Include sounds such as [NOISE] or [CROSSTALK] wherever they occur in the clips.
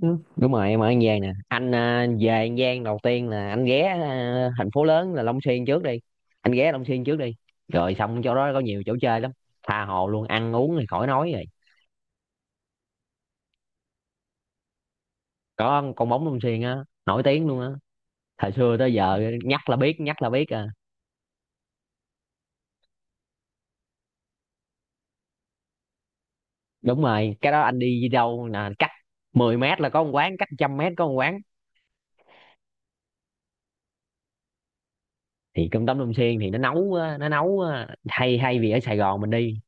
Ừ, đúng rồi em ở An Giang nè anh về An Giang đầu tiên là anh ghé thành phố lớn là Long Xuyên trước đi. Anh ghé Long Xuyên trước đi, rồi xong chỗ đó có nhiều chỗ chơi lắm, tha hồ luôn, ăn uống thì khỏi nói rồi. Có con bóng Long Xuyên á, nổi tiếng luôn á. Thời xưa tới giờ nhắc là biết, nhắc là biết à. Đúng rồi, cái đó anh đi đâu là cách 10 mét là có một quán, cách 100 mét có một quán. Thì cơm tấm Long Xuyên thì nó nấu á, hay hay vì ở Sài Gòn mình đi,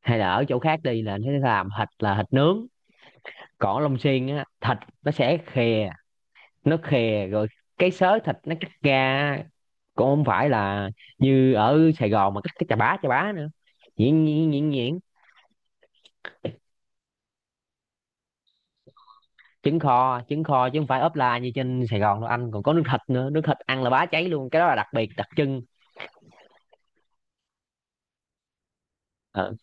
hay là ở chỗ khác đi là nó làm thịt là thịt nướng. Còn ở Long Xuyên á, thịt nó sẽ khè, nó khè rồi cái xớ thịt nó cắt ra á, cũng không phải là như ở Sài Gòn mà cắt cái chà bá nữa, nhuyễn nhuyễn nhuyễn nhuyễn. Trứng kho, trứng kho chứ không phải ốp la như trên Sài Gòn đâu anh, còn có nước thịt nữa, nước thịt ăn là bá cháy luôn, cái đó là đặc biệt đặc trưng. ờ,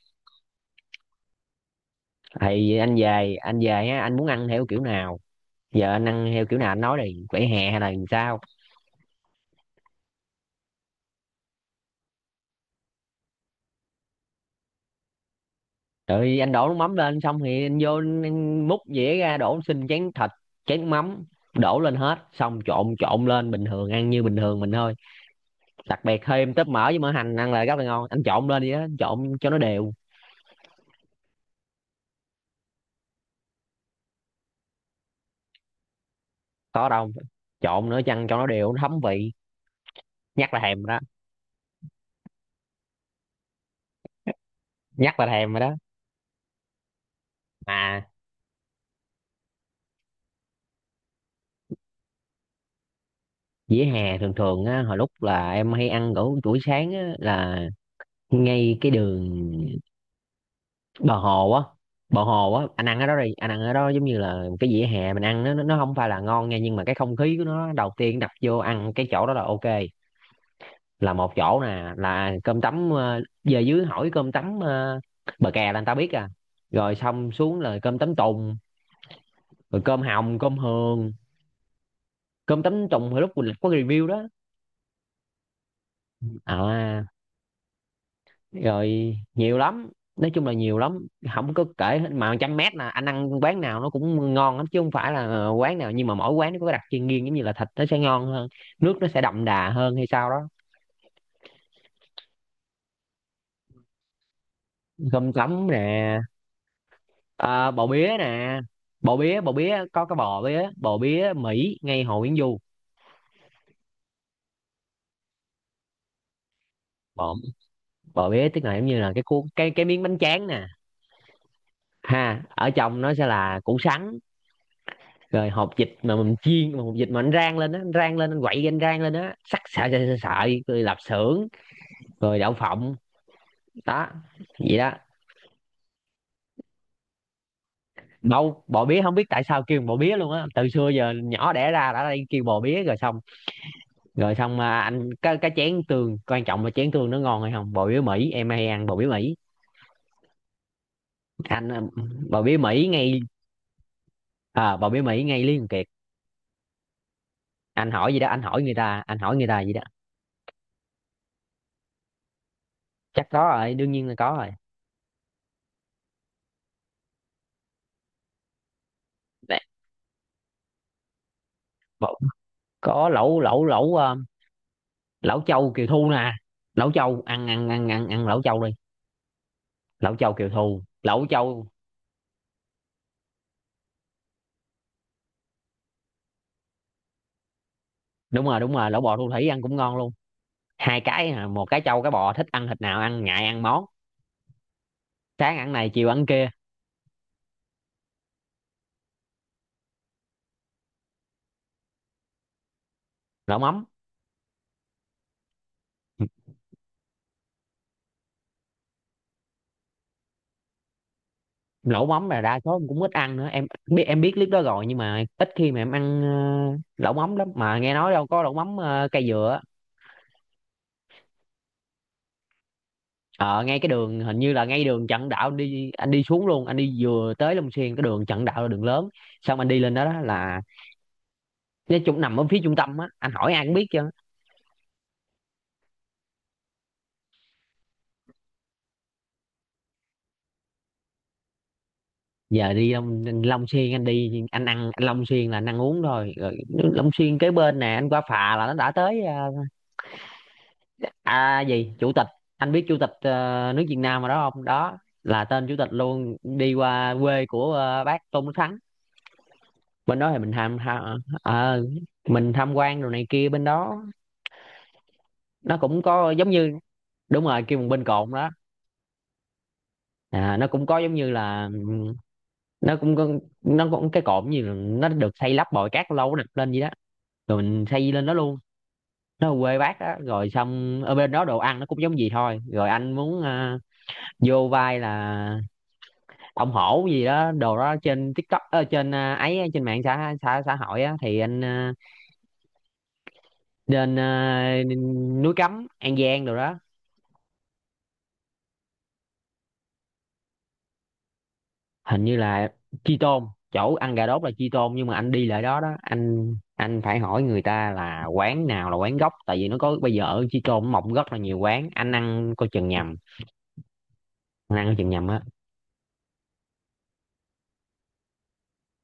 thì anh về á, anh muốn ăn theo kiểu nào, giờ anh ăn theo kiểu nào anh nói đi, vỉa hè hay là làm sao. Rồi anh đổ nước mắm lên, xong thì anh vô anh múc dĩa ra, đổ xin chén thịt, chén mắm, đổ lên hết, xong trộn trộn lên bình thường, ăn như bình thường mình thôi. Đặc biệt thêm tóp mỡ với mỡ hành ăn là rất là ngon, anh trộn lên đi á, trộn cho nó đều. Có đâu, trộn nữa chăng cho nó đều, nó thấm vị. Nhắc là thèm rồi đó. Nhắc là thèm rồi đó mà, dĩa hè thường thường á, hồi lúc là em hay ăn ở buổi sáng á, là ngay cái đường bờ hồ á, anh ăn ở đó đi, anh ăn ở đó giống như là cái vỉa hè mình ăn, nó không phải là ngon nha, nhưng mà cái không khí của nó đầu tiên đập vô ăn cái chỗ đó là ok. Là một chỗ nè, là cơm tấm, về dưới hỏi cơm tấm, bờ kè là người ta biết à. Rồi xong xuống là cơm tấm tùng, rồi cơm hồng, cơm hường. Cơm tấm tùng hồi lúc mình có review đó. À, rồi nhiều lắm, nói chung là nhiều lắm, không có kể hết. Mà 100 mét là anh ăn quán nào nó cũng ngon lắm, chứ không phải là quán nào, nhưng mà mỗi quán nó có cái đặc trưng riêng, giống như là thịt nó sẽ ngon hơn, nước nó sẽ đậm đà hơn hay sao đó. Cơm tấm nè, bò bía nè, bò bía có cái bò bía, bò bía Mỹ ngay Hồ Nguyễn Du. Bò Bò bía tức là giống như là cái cuốn, cái miếng bánh tráng nè. Ha, ở trong nó sẽ là củ sắn, rồi hột vịt mà mình chiên, mà hột vịt mà anh rang lên á, anh rang lên anh quậy, anh rang lên á, sắc sợi sợi sợi, rồi lạp xưởng, rồi đậu phộng đó, vậy đó. Đâu, bò bía không biết tại sao kêu bò bía luôn á, từ xưa giờ nhỏ đẻ ra đã đây kêu bò bía rồi xong, mà anh cái chén tương quan trọng là chén tương nó ngon hay không, bò bía Mỹ em hay ăn bò bía Mỹ. Anh bò bía Mỹ ngay, bò bía Mỹ ngay Lý Thường Kiệt. Anh hỏi gì đó, anh hỏi người ta gì đó. Chắc có rồi, đương nhiên là có rồi. Bò- có lẩu lẩu lẩu lẩu châu Kiều Thu nè. Lẩu châu ăn ăn ăn ăn ăn lẩu châu đi, lẩu châu Kiều Thu, lẩu châu. Đúng rồi, đúng rồi, lẩu bò thu thủy ăn cũng ngon luôn, hai cái, một cái châu, cái bò, thích ăn thịt nào ăn, ngại ăn món sáng ăn này chiều ăn kia. Lẩu mắm, lẩu mắm là đa số em cũng ít ăn nữa, em biết clip đó rồi, nhưng mà ít khi mà em ăn. Lẩu mắm lắm mà nghe nói đâu có lẩu mắm cây dừa á. Ờ Ngay cái đường, hình như là ngay đường Trần Đạo, anh đi xuống luôn, anh đi vừa tới Long Xuyên, cái đường Trần Đạo là đường lớn, xong anh đi lên đó, đó là nó chung nằm ở phía trung tâm á, anh hỏi ai cũng biết chứ. Giờ đi Long Xuyên, anh đi, anh ăn, Long Xuyên là anh ăn uống thôi rồi. Long Xuyên kế bên nè, anh qua phà là nó đã tới, gì chủ tịch, anh biết chủ tịch nước Việt Nam mà, đó không, đó là tên chủ tịch luôn, đi qua quê của bác Tôn Đức Thắng. Bên đó thì mình tham quan đồ này kia, bên đó nó cũng có giống như, đúng rồi kêu một bên cồn đó, nó cũng có giống như là nó cũng nó cũng cái cột gì, là nó được xây lắp bồi cát lâu nó đập lên vậy đó, rồi mình xây lên đó luôn. Nó ở quê bác á, rồi xong ở bên đó đồ ăn nó cũng giống gì thôi rồi, anh muốn vô vai là ông hổ gì đó đồ đó trên TikTok, trên ấy, trên mạng xã xã xã hội á, thì anh lên núi Cấm An Giang đồ đó. Hình như là chi tôn, chỗ ăn gà đốt là chi tôn, nhưng mà anh đi lại đó đó, anh phải hỏi người ta là quán nào là quán gốc, tại vì nó có, bây giờ ở chi tôn mọc rất là nhiều quán, anh ăn coi chừng nhầm, anh ăn coi chừng nhầm á.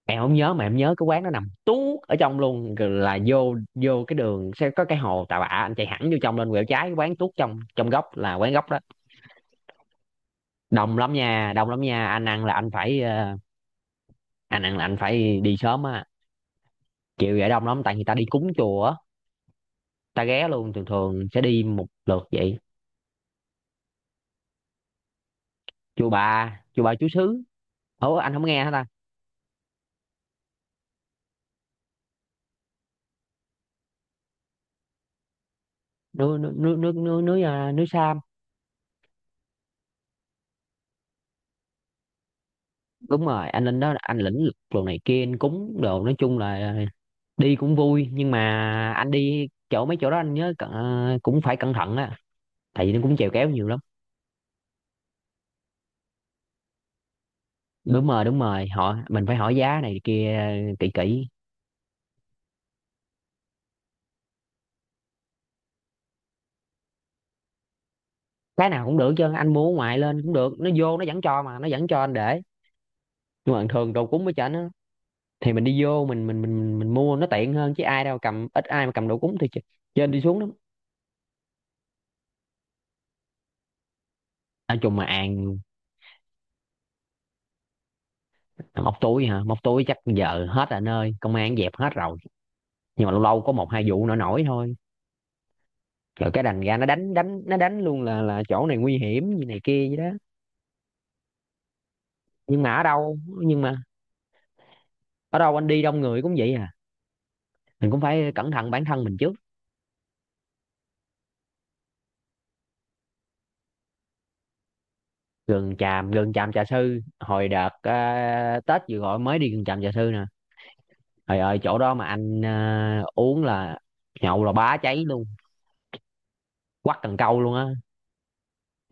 Em không nhớ, mà em nhớ cái quán nó nằm tuốt ở trong luôn rồi, là vô vô cái đường sẽ có cái hồ Tà Bạ, anh chạy thẳng vô trong lên, quẹo trái, cái quán tuốt trong, góc là quán gốc đó. Đông lắm nha, đông lắm nha, anh ăn là anh phải đi sớm á, chiều vậy đông lắm tại người ta đi cúng chùa á, ta ghé luôn, thường thường sẽ đi một lượt vậy. Chùa Bà Chúa Xứ, ủa anh không nghe hả ta. Núi núi núi núi núi núi, à, Núi Sam. Đúng rồi, anh lên đó anh lĩnh lực đồ này kia, anh cúng đồ, nói chung là đi cũng vui, nhưng mà anh đi chỗ mấy chỗ đó anh nhớ cũng phải cẩn thận á, tại vì nó cũng chèo kéo nhiều lắm. Đúng rồi, đúng rồi, họ mình phải hỏi giá này kia, kỹ kỹ. Cái nào cũng được chứ, anh mua ở ngoài lên cũng được, nó vô nó vẫn cho, mà nó vẫn cho anh để, nhưng mà thường đồ cúng với cho nó thì mình đi vô, mình mua nó tiện hơn, chứ ai đâu cầm, ít ai mà cầm đồ cúng thì trên đi xuống lắm. Nói chung mà ăn, móc túi hả, móc túi chắc giờ hết rồi anh ơi, công an dẹp hết rồi, nhưng mà lâu lâu có một hai vụ nổi nổi thôi. Rồi cái đành ra nó đánh đánh, nó đánh luôn là chỗ này nguy hiểm gì này kia vậy đó. Nhưng mà ở đâu anh đi đông người cũng vậy à, mình cũng phải cẩn thận bản thân mình trước. Gần tràm Trà Sư, hồi đợt Tết vừa gọi mới đi Gần tràm Trà Sư nè. Trời ơi chỗ đó mà anh uống là nhậu là bá cháy luôn, quắt cần câu luôn á.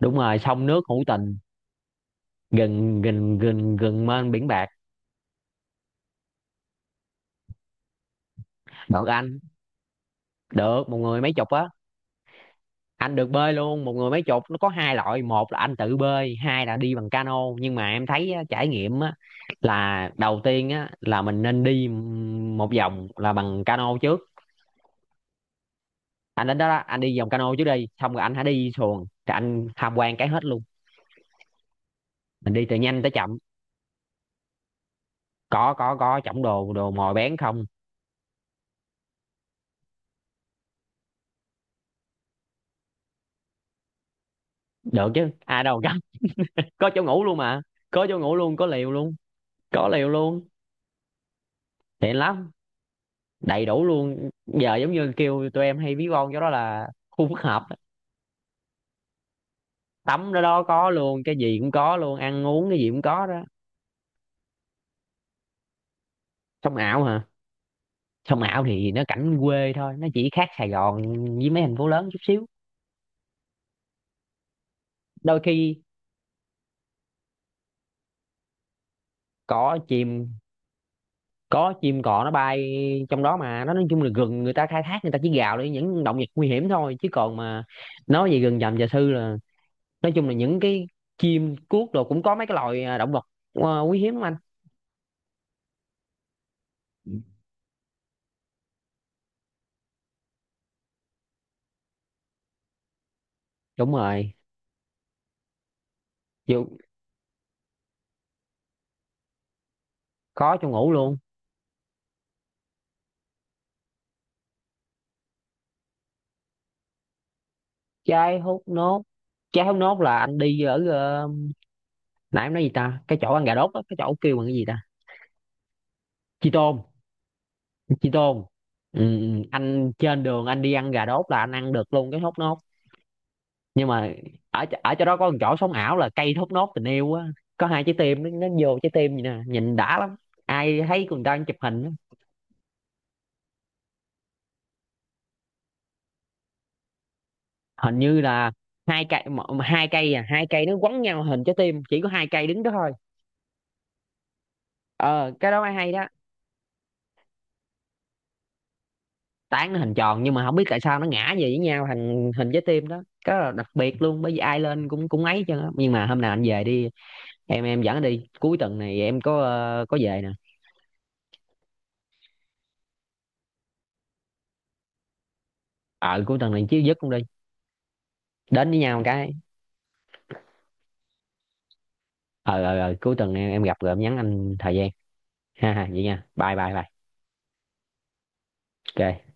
Đúng rồi, sông nước hữu tình, gần gần gần gần mênh biển bạc. Đợt anh được một người mấy chục á, anh được bơi luôn, một người mấy chục, nó có hai loại, một là anh tự bơi, hai là đi bằng cano, nhưng mà em thấy á, trải nghiệm á là đầu tiên á là mình nên đi một vòng là bằng cano trước. Anh đến đó đó, anh đi vòng cano trước đi, xong rồi anh hãy đi xuồng, rồi anh tham quan cái hết luôn, mình đi từ nhanh tới chậm. Có chổng đồ, mồi bén không. Được chứ, ai đâu [LAUGHS] gánh, có chỗ ngủ luôn mà, có chỗ ngủ luôn, có liều luôn, có liều luôn, tiện lắm, đầy đủ luôn, giờ giống như kêu tụi em hay ví von cho đó là khu phức hợp, tắm đó đó có luôn, cái gì cũng có luôn, ăn uống cái gì cũng có đó. Sông ảo hả? Sông ảo thì nó cảnh quê thôi, nó chỉ khác Sài Gòn với mấy thành phố lớn chút xíu. Đôi khi cỏ chìm, có chim cò nó bay trong đó, mà nó nói chung là rừng người ta khai thác, người ta chỉ gào để những động vật nguy hiểm thôi, chứ còn mà nói về rừng rậm và sư là, nói chung là những cái chim cuốc đồ cũng có mấy cái loài, động vật quý hiếm lắm anh. Đúng rồi, chịu, có trong ngủ luôn. Trái hút nốt, trái hút nốt là anh đi ở nãy em nói gì ta, cái chỗ ăn gà đốt đó, cái chỗ kêu bằng cái gì ta, chi tôm, chi tôm, ừ, ừ. Anh trên đường anh đi ăn gà đốt là anh ăn được luôn cái hút nốt, nhưng mà ở ở chỗ đó có một chỗ sống ảo là cây thốt nốt tình yêu á, có hai trái tim, nó vô trái tim vậy nè, nhìn đã lắm, ai thấy người ta đang chụp hình á. Hình như là hai cây m- hai cây à hai cây nó quấn nhau hình trái tim, chỉ có hai cây đứng đó thôi. Ờ cái đó mới hay đó, tán nó hình tròn nhưng mà không biết tại sao nó ngã về với nhau thành hình trái tim đó, cái đó là đặc biệt luôn, bởi vì ai lên cũng cũng ấy chứ, nhưng mà hôm nào anh về đi, em dẫn anh đi, cuối tuần này em có có về nè. Ờ Cuối tuần này chứ dứt cũng đi, đến với nhau một cái. Ờ, Cuối tuần em gặp rồi em nhắn anh thời gian. Ha ha vậy nha, bye bye bye. Ok.